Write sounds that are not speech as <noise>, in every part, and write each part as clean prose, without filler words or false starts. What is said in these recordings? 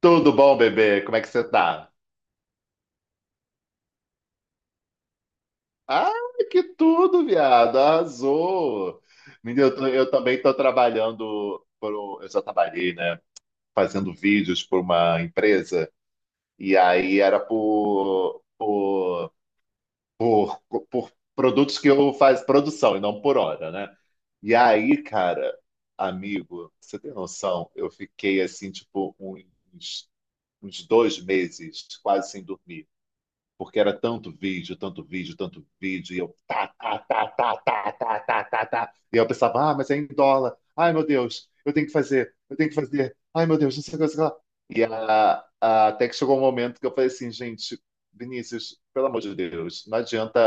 Tudo bom, bebê? Como é que você tá? Ah, que tudo, viado. Arrasou. Menino, eu também tô eu já trabalhei, né, fazendo vídeos por uma empresa e aí era por produtos que eu faço produção e não por hora, né? E aí, cara, amigo, você tem noção? Eu fiquei assim, tipo, uns, uns 2 meses quase sem dormir. Porque era tanto vídeo, tanto vídeo, tanto vídeo, e eu tá, tá, tá, tá, tá, tá, tá, tá, tá. E eu pensava, ah, mas é em dólar. Ai, meu Deus, eu tenho que fazer, eu tenho que fazer. Ai, meu Deus, não sei o que, não sei o que lá. E até que chegou um momento que eu falei assim, gente, Vinícius, pelo amor de Deus, não adianta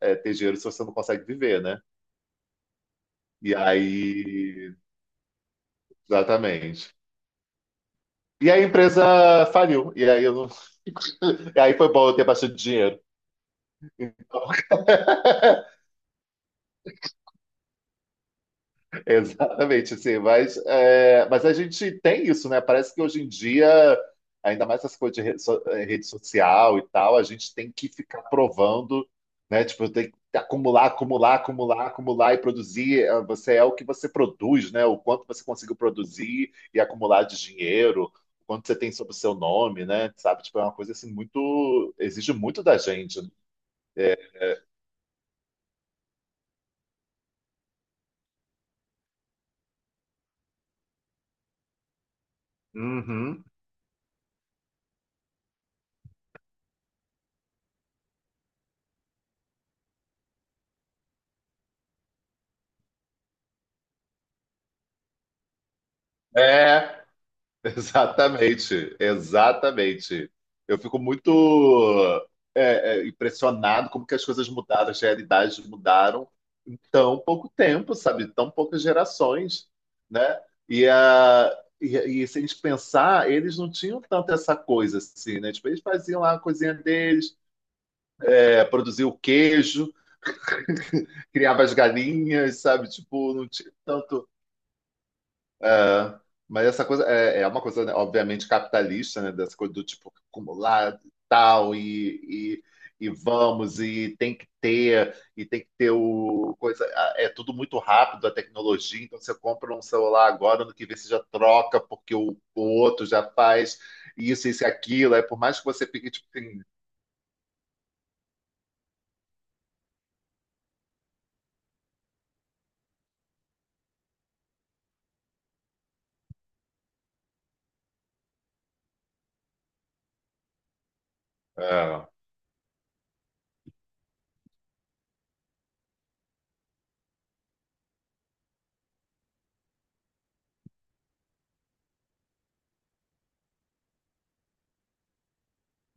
ter dinheiro se você não consegue viver, né? E aí, exatamente. E aí a empresa faliu, e aí eu não... <laughs> E aí foi bom eu ter bastante dinheiro. Então, <laughs> exatamente, assim, mas, mas a gente tem isso, né? Parece que hoje em dia, ainda mais essas coisas de rede, rede social e tal, a gente tem que ficar provando, né? Tipo, tem que acumular, acumular, acumular, acumular e produzir. Você é o que você produz, né? O quanto você conseguiu produzir e acumular de dinheiro, o quanto você tem sobre o seu nome, né? Sabe? Tipo, é uma coisa assim muito, exige muito da gente. Né? Uhum. É, exatamente, exatamente. Eu fico muito impressionado como que as coisas mudaram, as realidades mudaram em tão pouco tempo, sabe? Tão poucas gerações, né? E, a, e se a gente pensar, eles não tinham tanto essa coisa assim, né? Tipo, eles faziam lá a coisinha deles, produziam o queijo, criavam as galinhas, sabe? Tipo, não tinha tanto. É, mas essa coisa é uma coisa, né, obviamente, capitalista, né? Dessa coisa do tipo acumular tal e vamos, e tem que ter o coisa. É tudo muito rápido a tecnologia, então você compra um celular agora, no que vê você já troca, porque o outro já faz isso, isso e aquilo. Aí por mais que você fique, tipo assim. É,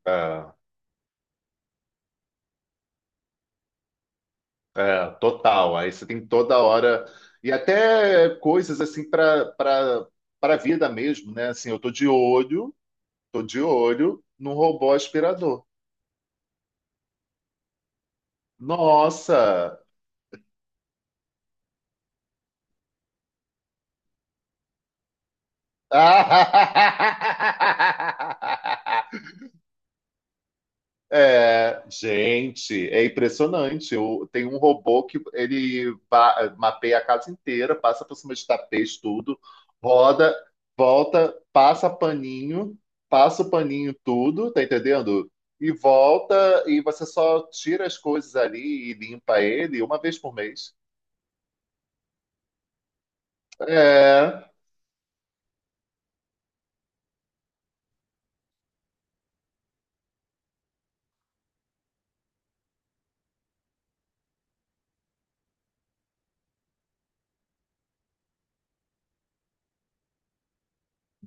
é. É, total. Aí você tem toda hora e até coisas assim para a vida mesmo, né? Assim, eu tô de olho num robô aspirador. Nossa! <laughs> É, gente, é impressionante. Tem um robô que mapeia a casa inteira, passa por cima de tapete, tudo, roda, volta, passa paninho, passa o paninho em tudo, tá entendendo? E volta, e você só tira as coisas ali e limpa ele uma vez por mês. É,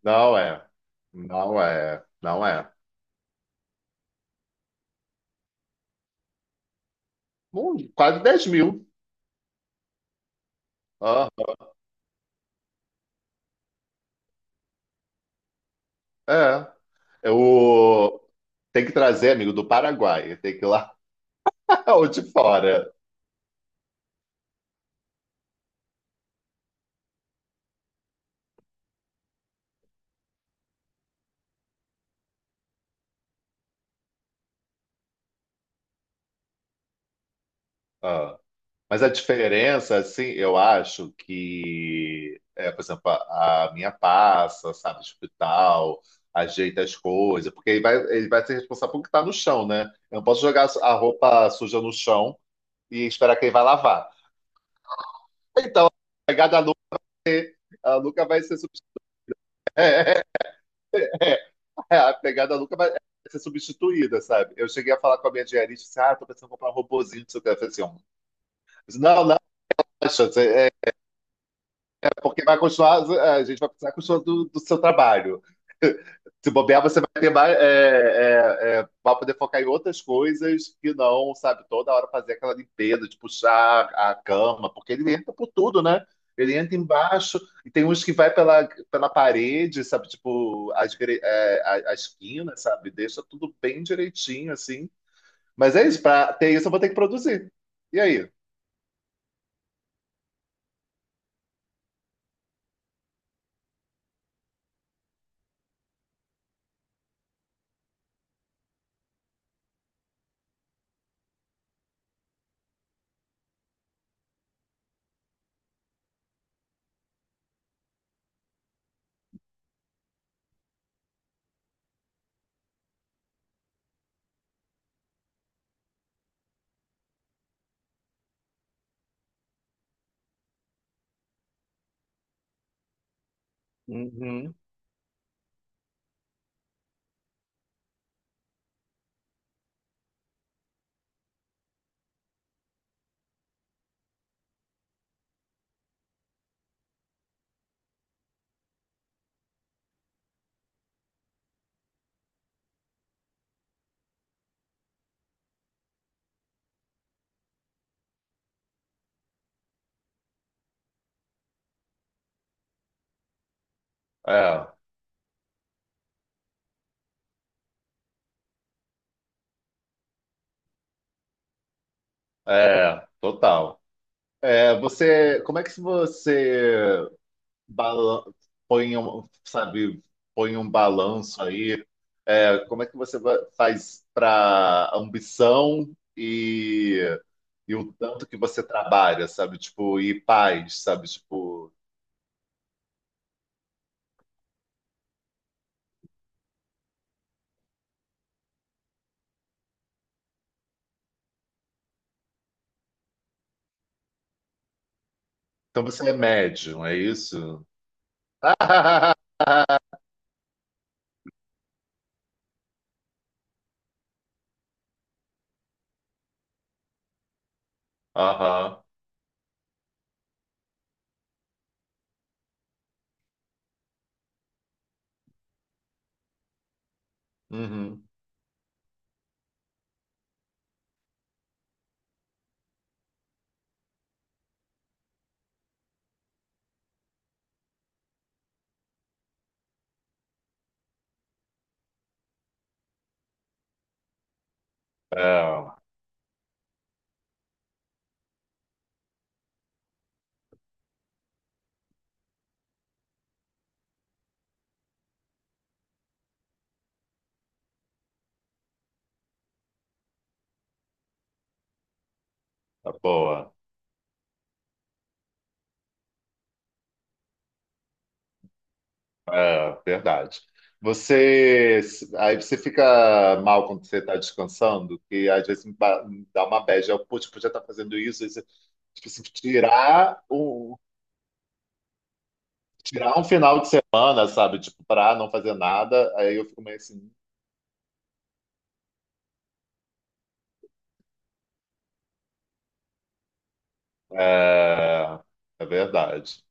não é, não é, não é. Quase 10 mil. É. É o... Tem que trazer, amigo, do Paraguai. Tem que ir lá <laughs> ou de fora. Ah. Mas a diferença, assim, eu acho que, por exemplo, a minha passa, sabe, tipo e tal, ajeita as coisas, porque ele vai ser responsável pelo que tá no chão, né? Eu não posso jogar a roupa suja no chão e esperar que ele vai lavar. Então, a pegada da Lu- a Luca vai ser... É, a pegada nunca vai ser substituída, sabe? Eu cheguei a falar com a minha diarista, disse, ah, tô pensando em comprar um robozinho do seu cara. Eu falei assim, ó, não, não, acha, porque vai continuar, a gente vai precisar continuar do seu trabalho. Se bobear, você vai ter mais. Vai poder focar em outras coisas que não, sabe? Toda hora fazer aquela limpeza de puxar a cama, porque ele entra por tudo, né? Ele entra embaixo e tem uns que vai pela parede, sabe? Tipo, as, gre- é, a esquina, sabe? Deixa tudo bem direitinho, assim. Mas é isso, pra ter isso eu vou ter que produzir. E aí? Uhum. É, total. É, como é que você bala- põe um, sabe, põe um balanço aí. É, como é que você faz para ambição e o tanto que você trabalha, sabe? Tipo, e paz, sabe? Tipo, então você é médium, é isso? <laughs> Aham. Uhum. É, tá boa. É, verdade. Você, Aí você fica mal quando você está descansando, que às vezes me dá uma bad. Putz, podia estar fazendo isso, isso. Tipo assim, tirar um final de semana, sabe? Tipo, pra não fazer nada, aí eu fico meio assim. É, é verdade.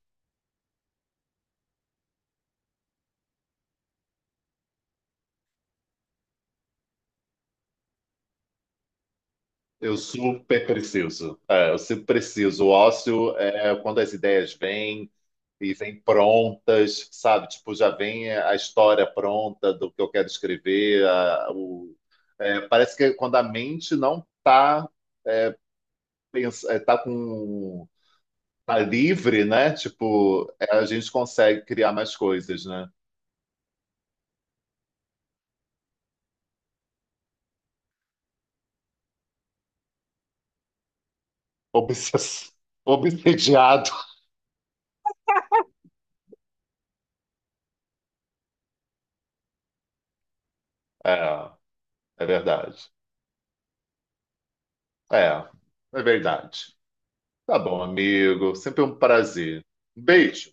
Eu super preciso. É, eu sempre preciso. O ócio é quando as ideias vêm e vêm prontas, sabe? Tipo, já vem a história pronta do que eu quero escrever. Parece que quando a mente não está tá, pens- é, tá com tá livre, né? Tipo, é, a gente consegue criar mais coisas, né? Obsess... <laughs> Obsediado. É, é verdade. É, é verdade. Tá bom, amigo. Sempre um prazer. Um beijo.